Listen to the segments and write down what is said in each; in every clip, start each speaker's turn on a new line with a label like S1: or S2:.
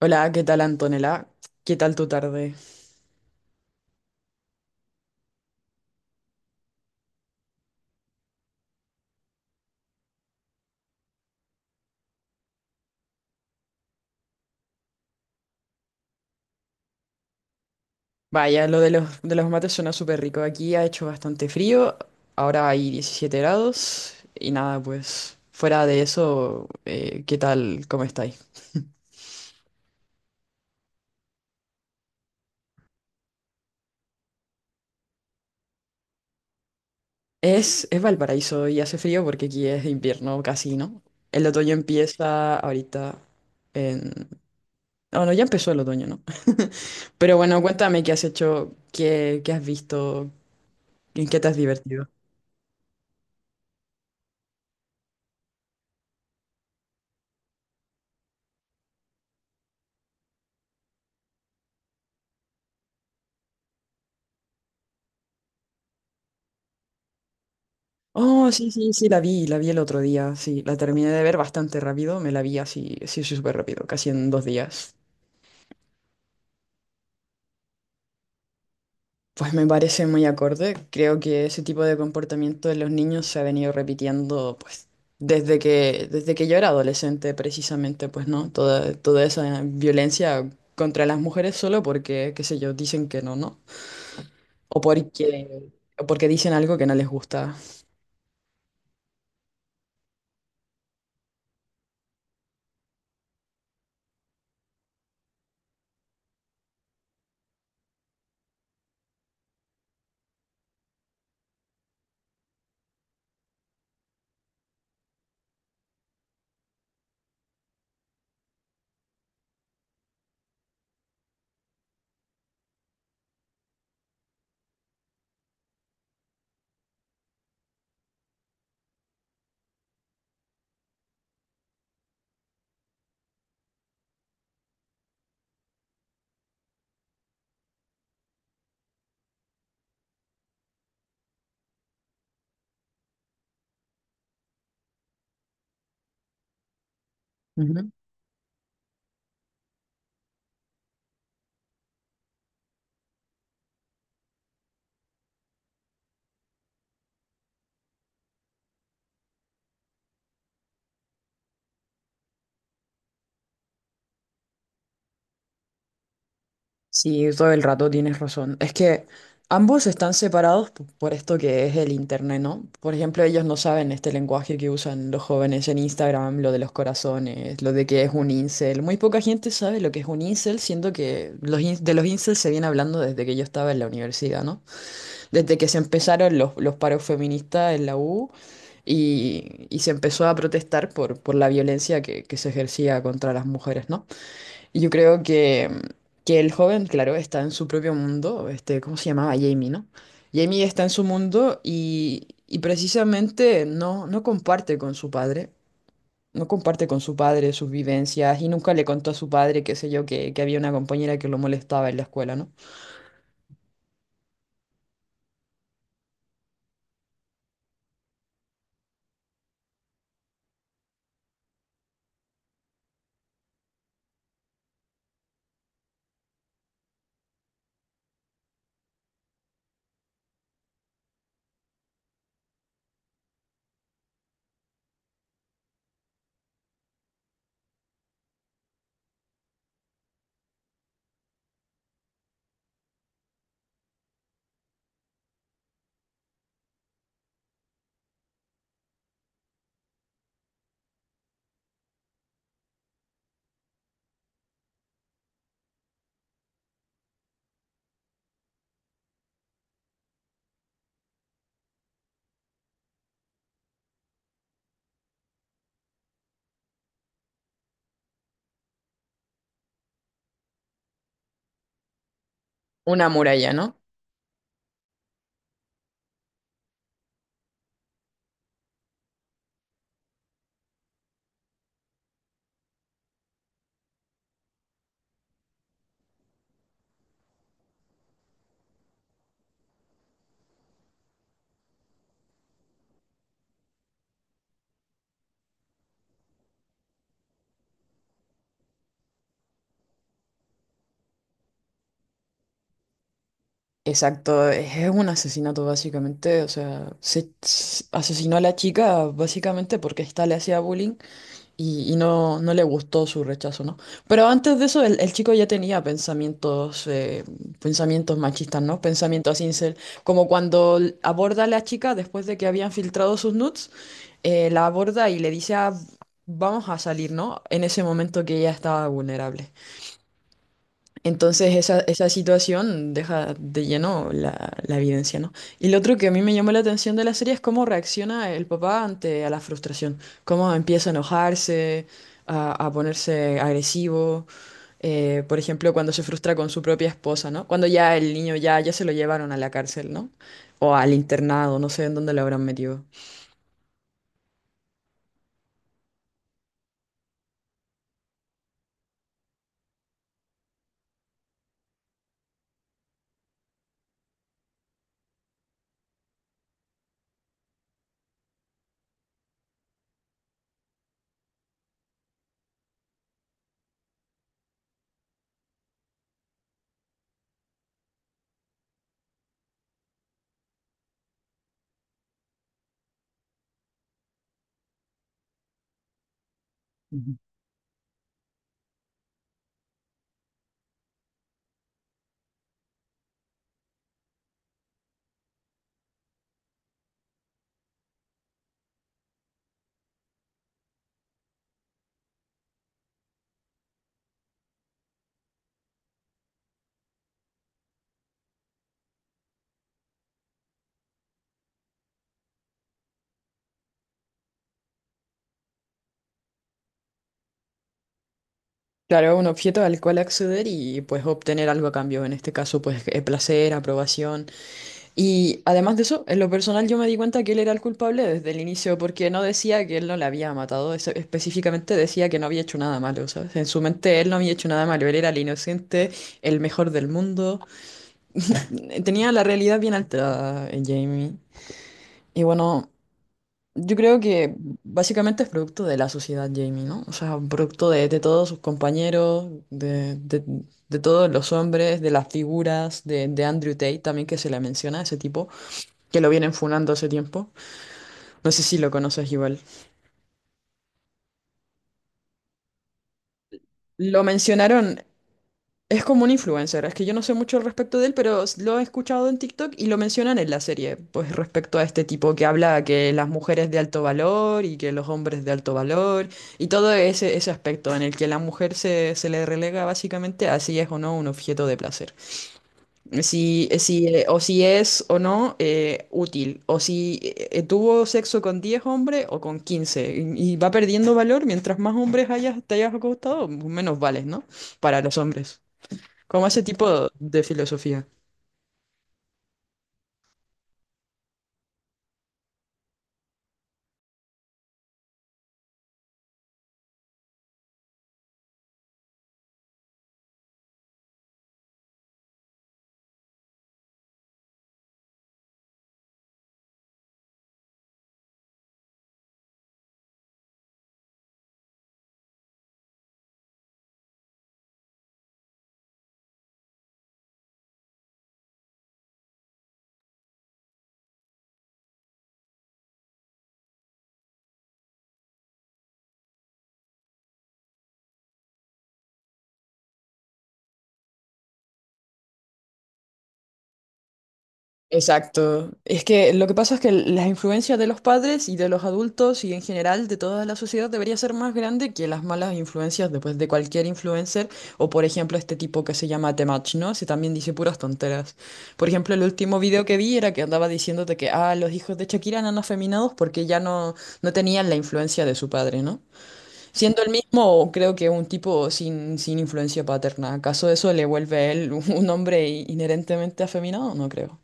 S1: Hola, ¿qué tal, Antonella? ¿Qué tal tu tarde? Vaya, lo de los mates suena súper rico. Aquí ha hecho bastante frío, ahora hay 17 grados y nada, pues fuera de eso, ¿qué tal? ¿Cómo estáis? Es Valparaíso y hace frío porque aquí es invierno casi, ¿no? El otoño empieza ahorita en... No, no, ya empezó el otoño, ¿no? Pero bueno, cuéntame qué has hecho, qué has visto, en qué te has divertido. Oh, sí, la vi el otro día, sí, la terminé de ver bastante rápido, me la vi así, sí, súper rápido, casi en dos días. Pues me parece muy acorde, creo que ese tipo de comportamiento de los niños se ha venido repitiendo, pues, desde que yo era adolescente, precisamente, pues, ¿no? Toda esa violencia contra las mujeres solo porque, qué sé yo, dicen que no, ¿no? O porque, o porque dicen algo que no les gusta. Sí, todo el rato tienes razón. Es que ambos están separados por esto que es el internet, ¿no? Por ejemplo, ellos no saben este lenguaje que usan los jóvenes en Instagram, lo de los corazones, lo de que es un incel. Muy poca gente sabe lo que es un incel, siendo que los in- de los incels se viene hablando desde que yo estaba en la universidad, ¿no? Desde que se empezaron los paros feministas en la U y se empezó a protestar por la violencia que se ejercía contra las mujeres, ¿no? Yo creo que, que el joven, claro, está en su propio mundo, este, ¿cómo se llamaba? Jamie, ¿no? Jamie está en su mundo y precisamente no comparte con su padre, no comparte con su padre sus vivencias y nunca le contó a su padre, qué sé yo, que había una compañera que lo molestaba en la escuela, ¿no? Una muralla, ¿no? Exacto, es un asesinato básicamente, o sea, asesinó a la chica básicamente porque ésta le hacía bullying y no le gustó su rechazo, ¿no? Pero antes de eso, el chico ya tenía pensamientos, pensamientos machistas, ¿no? Pensamientos incel, como cuando aborda a la chica después de que habían filtrado sus nudes, la aborda y le dice, "Ah, vamos a salir, ¿no?" En ese momento que ella estaba vulnerable. Entonces esa situación deja de lleno la, la evidencia, ¿no? Y lo otro que a mí me llamó la atención de la serie es cómo reacciona el papá ante a la frustración, cómo empieza a enojarse, a ponerse agresivo, por ejemplo, cuando se frustra con su propia esposa, ¿no? Cuando ya el niño ya se lo llevaron a la cárcel, ¿no? O al internado, no sé en dónde lo habrán metido. Ujú. Claro, un objeto al cual acceder y pues obtener algo a cambio, en este caso pues placer, aprobación. Y además de eso, en lo personal yo me di cuenta que él era el culpable desde el inicio, porque no decía que él no la había matado, específicamente decía que no había hecho nada malo, ¿sabes? En su mente él no había hecho nada malo, él era el inocente, el mejor del mundo. Tenía la realidad bien alterada, Jamie. Y bueno, yo creo que básicamente es producto de la sociedad, Jamie, ¿no? O sea, producto de todos sus compañeros, de todos los hombres, de las figuras, de Andrew Tate también que se le menciona, ese tipo que lo vienen funando hace tiempo. No sé si lo conoces igual. Lo mencionaron, es como un influencer, es que yo no sé mucho al respecto de él, pero lo he escuchado en TikTok y lo mencionan en la serie, pues respecto a este tipo que habla que las mujeres de alto valor y que los hombres de alto valor y todo ese, ese aspecto en el que la mujer se le relega básicamente a si es o no un objeto de placer. Si, si, o si es o no útil, o si tuvo sexo con 10 hombres o con 15 y va perdiendo valor mientras más hombres te hayas acostado, menos vales, ¿no? Para los hombres. Como ese tipo de filosofía. Exacto. Es que lo que pasa es que las influencias de los padres y de los adultos y en general de toda la sociedad debería ser más grande que las malas influencias después de cualquier influencer o por ejemplo este tipo que se llama Temach, ¿no? Se también dice puras tonteras. Por ejemplo, el último video que vi era que andaba diciéndote que ah, los hijos de Shakira eran afeminados porque no tenían la influencia de su padre, ¿no? Siendo el mismo, creo que un tipo sin influencia paterna. ¿Acaso eso le vuelve a él un hombre inherentemente afeminado? No creo.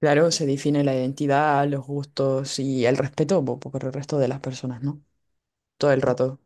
S1: Claro, se define la identidad, los gustos y el respeto por el resto de las personas, ¿no? Todo el rato.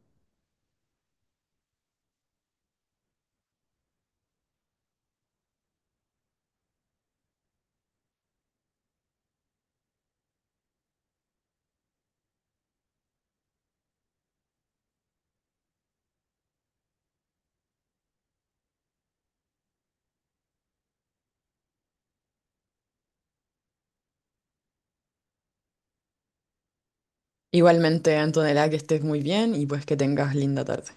S1: Igualmente, Antonella, que estés muy bien y pues que tengas linda tarde.